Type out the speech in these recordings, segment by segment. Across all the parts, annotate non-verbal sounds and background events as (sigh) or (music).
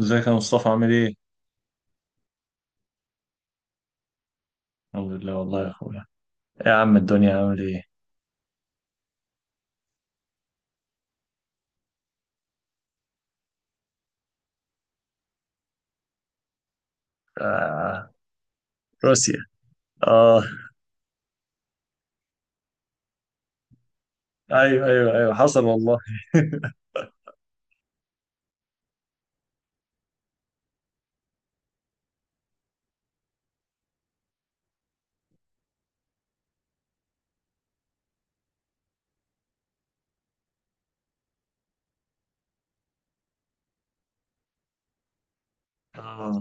ازيك يا مصطفى؟ عامل ايه؟ الحمد لله والله يا اخويا. إيه يا عم الدنيا عامل ايه؟ آه. روسيا. اه. ايوه ايوه ايوه، حصل والله. (laughs) آه.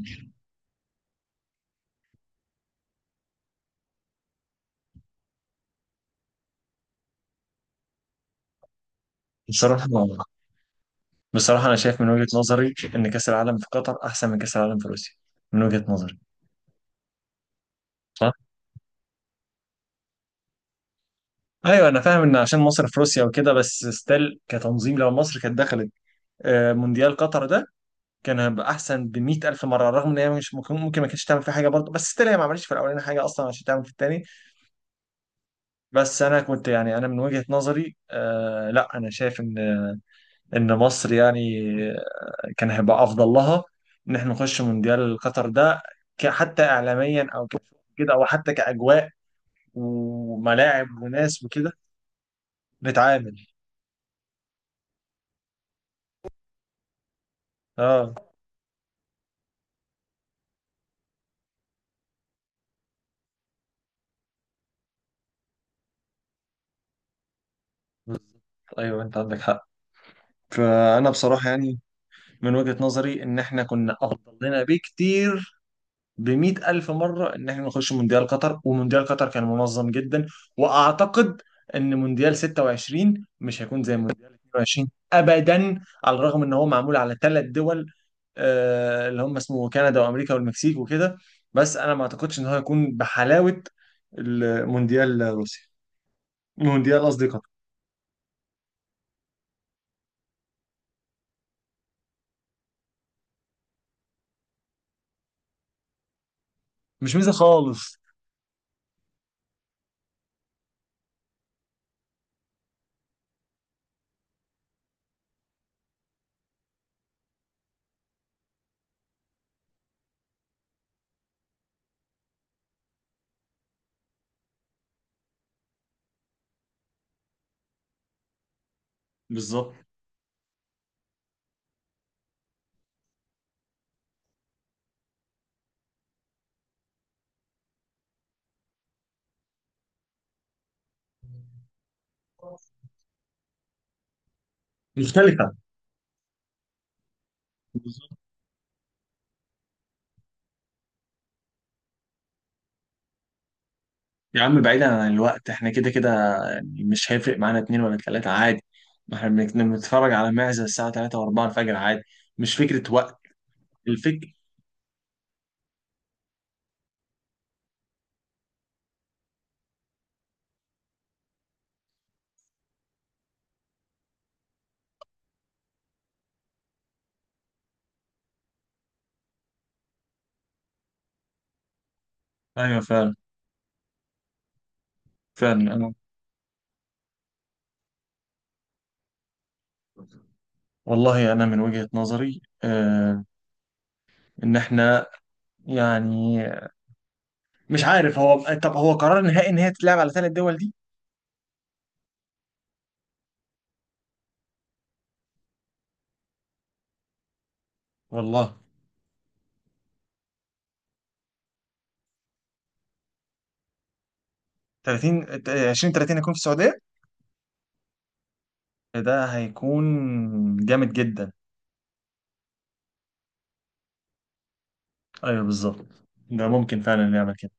بصراحة بصراحة انا شايف من وجهة نظري ان كأس العالم في قطر احسن من كأس العالم في روسيا، من وجهة نظري. صح؟ ايوه، انا فاهم ان عشان مصر في روسيا وكده، بس ستيل كتنظيم لو مصر كانت دخلت آه مونديال قطر ده، كان هيبقى احسن ب 100,000 مره. رغم ان هي مش ممكن ما كانتش تعمل فيه حاجه برضه، بس ستيل هي ما عملتش في الاولاني حاجه اصلا عشان تعمل في الثاني. بس انا كنت، يعني انا من وجهة نظري آه، لا انا شايف ان مصر يعني كان هيبقى افضل لها ان احنا نخش مونديال قطر ده، حتى اعلاميا او كده، او حتى كاجواء وملاعب وناس وكده. نتعامل. اه بالظبط. ايوه انت عندك حق. فانا بصراحة يعني من وجهة نظري ان احنا كنا افضل لنا بكتير، بمئة ألف مرة، إن إحنا نخش مونديال قطر. ومونديال قطر كان منظم جدا. وأعتقد إن مونديال 26 مش هيكون زي مونديال 22 أبدا، على الرغم إن هو معمول على ثلاث دول، آه، اللي هم اسمه كندا وأمريكا والمكسيك وكده. بس أنا ما أعتقدش إن هو هيكون بحلاوة المونديال روسيا. مونديال، قصدي قطر. مش ميزة خالص. بالظبط. مختلفة. يا عم بعيدا عن الوقت احنا كده كده، يعني مش هيفرق معانا اتنين ولا تلاتة عادي. ما احنا بنتفرج على معزة الساعة تلاتة وأربعة الفجر عادي. مش فكرة وقت. الفكر. أيوة فعلا. فعلا أنا، والله أنا من وجهة نظري آه إن احنا يعني، مش عارف هو، طب هو قرار نهائي إن هي تتلعب على ثلاث دول دي؟ والله. 30، 20 30 هيكون في السعودية. ده هيكون جامد جدا. أيوة بالظبط، ده ممكن فعلا نعمل كده.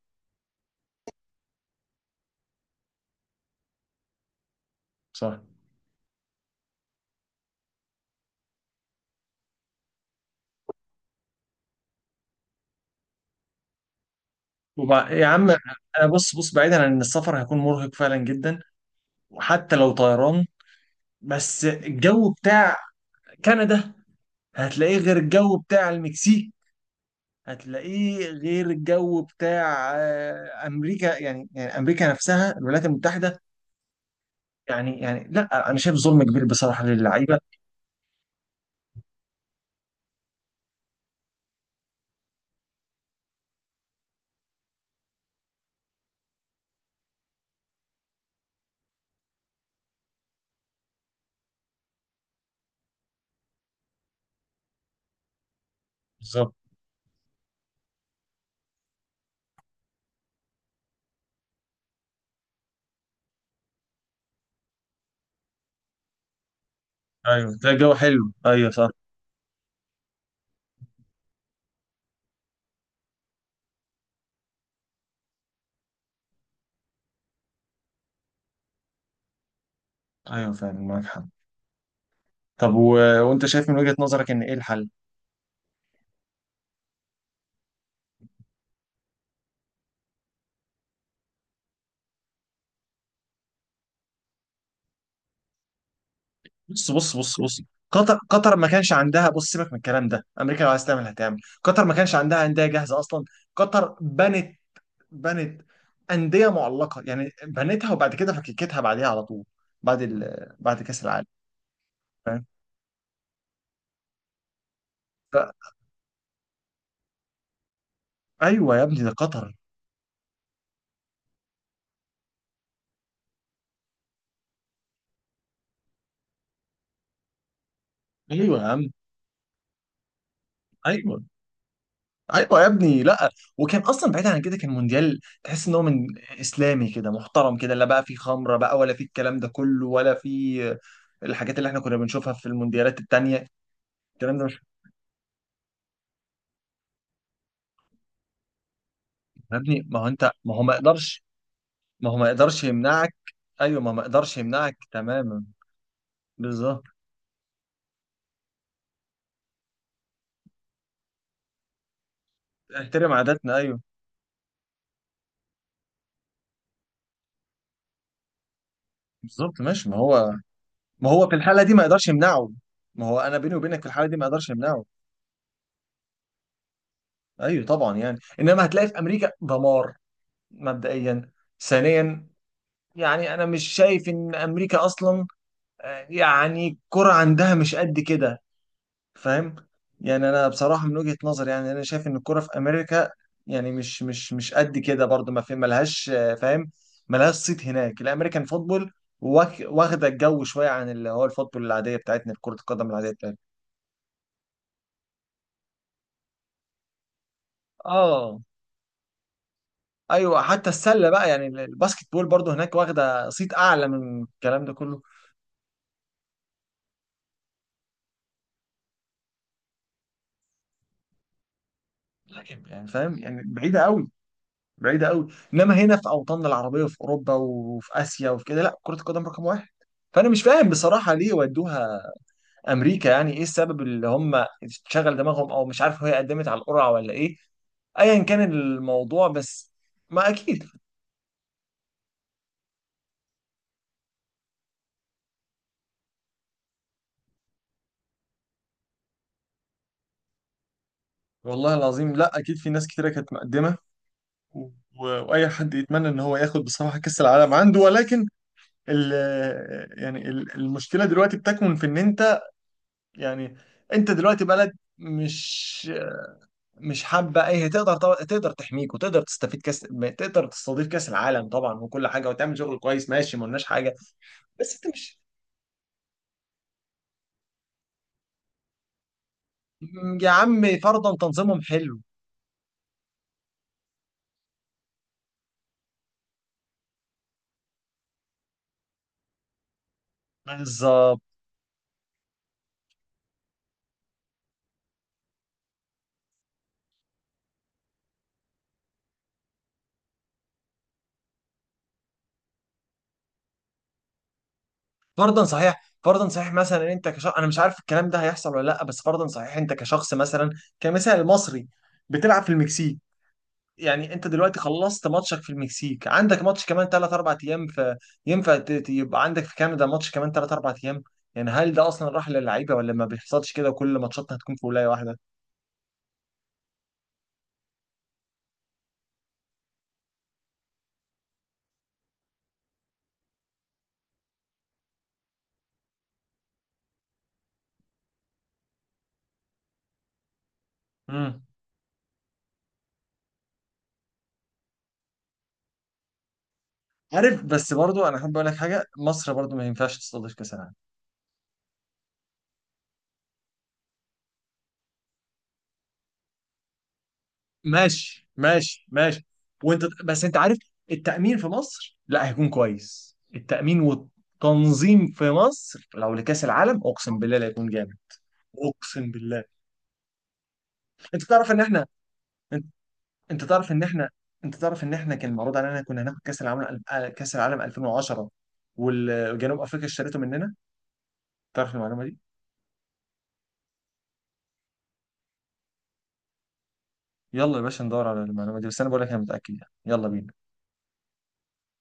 صح. يا عم انا بص بعيدا عن ان السفر هيكون مرهق فعلا جدا، وحتى لو طيران. بس الجو بتاع كندا هتلاقيه غير الجو بتاع المكسيك، هتلاقيه غير الجو بتاع آه، امريكا. يعني يعني امريكا نفسها، الولايات المتحده. يعني يعني لا انا شايف ظلم كبير بصراحه للعيبه. بالظبط. ايوه ده جو حلو. ايوه صح. ايوه فعلا معاك حق. طب و... وانت شايف من وجهة نظرك ان ايه الحل؟ بص بص بص بص. قطر ما كانش عندها، بص سيبك من الكلام ده، امريكا لو عايز تعمل هتعمل. قطر ما كانش عندها انديه جاهزه اصلا. قطر بنت، بنت انديه معلقه، يعني بنتها وبعد كده فككتها بعديها على طول، بعد بعد كاس العالم. فاهم. ف- ايوه يا ابني ده قطر. ايوه يا عم. ايوه. ايوه يا ابني، لا. وكان اصلا بعيد عن كده، كان مونديال تحس ان هو من اسلامي كده، محترم كده، لا بقى فيه خمره بقى ولا فيه الكلام ده كله، ولا فيه الحاجات اللي احنا كنا بنشوفها في المونديالات التانية. الكلام ده مش، يا ابني ما هو انت، ما هو ما يقدرش، ما هو ما يقدرش يمنعك. ايوه ما هو ما يقدرش يمنعك تماما. بالظبط. احترم عاداتنا، ايوه. بالظبط. ماشي، ما هو ما هو في الحاله دي ما يقدرش يمنعه. ما هو انا بيني وبينك في الحاله دي ما اقدرش امنعه. ايوه طبعا. يعني انما هتلاقي في امريكا دمار، مبدئيا. ثانيا، يعني انا مش شايف ان امريكا اصلا آه، يعني الكرة عندها مش قد كده. فاهم. يعني انا بصراحه من وجهه نظري، يعني انا شايف ان الكوره في امريكا يعني مش قد كده برضو. ما في، ملهاش آه، فاهم، ملهاش صيت هناك. الامريكان فوتبول واخده الجو شويه عن اللي هو الفوتبول العاديه بتاعتنا، كره القدم العاديه بتاعتنا. اه. ايوه حتى السله بقى، يعني الباسكت بول برضو هناك واخده صيت اعلى من الكلام ده كله. لكن يعني فاهم، يعني بعيده قوي، بعيده قوي. انما هنا في اوطاننا العربيه، وفي اوروبا، وفي اسيا، وفي كده، لا كره القدم رقم واحد. فانا مش فاهم بصراحه ليه ودوها امريكا، يعني ايه السبب اللي هم شغل دماغهم؟ او مش عارف هي قدمت على القرعه ولا ايه. ايا كان الموضوع. بس ما اكيد. والله العظيم لا، اكيد في ناس كتيره كانت مقدمه، و... واي حد يتمنى ان هو ياخد بصراحه كاس العالم عنده. ولكن ال... يعني المشكله دلوقتي بتكمن في ان انت يعني، انت دلوقتي بلد مش حابه. اي هي تقدر طبعا، تقدر تحميك وتقدر تستفيد كاس، تقدر تستضيف كاس العالم طبعا، وكل حاجه وتعمل شغل كويس، ماشي ما قلناش حاجه. بس انت مش، يا عم فرضا تنظيمهم حلو. بالظبط. فرضا صحيح، فرضا صحيح، مثلا إن انت كشخص، انا مش عارف الكلام ده هيحصل ولا لا، بس فرضا صحيح، انت كشخص مثلا كمثال مصري بتلعب في المكسيك. يعني انت دلوقتي خلصت ماتشك في المكسيك، عندك ماتش كمان 3 4 ايام في، ينفع يبقى عندك في كندا ماتش كمان 3 4 ايام؟ يعني هل ده اصلا راح للعيبه؟ ولا ما بيحصلش كده وكل ماتشاتنا هتكون في ولايه واحده؟ امم. عارف، بس برضو انا احب اقول لك حاجه، مصر برضو ما ينفعش تستضيف كاس العالم. ماشي ماشي ماشي. وانت بس انت عارف، التأمين في مصر لا هيكون كويس، التأمين والتنظيم في مصر لو لكأس العالم اقسم بالله لا هيكون جامد. اقسم بالله. انت تعرف ان احنا، انت، انت تعرف ان احنا، انت تعرف ان احنا كان معروض علينا، كنا هناخد كأس العالم، كأس العالم 2010 والجنوب افريقيا اشترته مننا. تعرف المعلومة دي؟ يلا يا باشا ندور على المعلومة دي، بس انا بقول لك انا متأكد يعني، يلا بينا.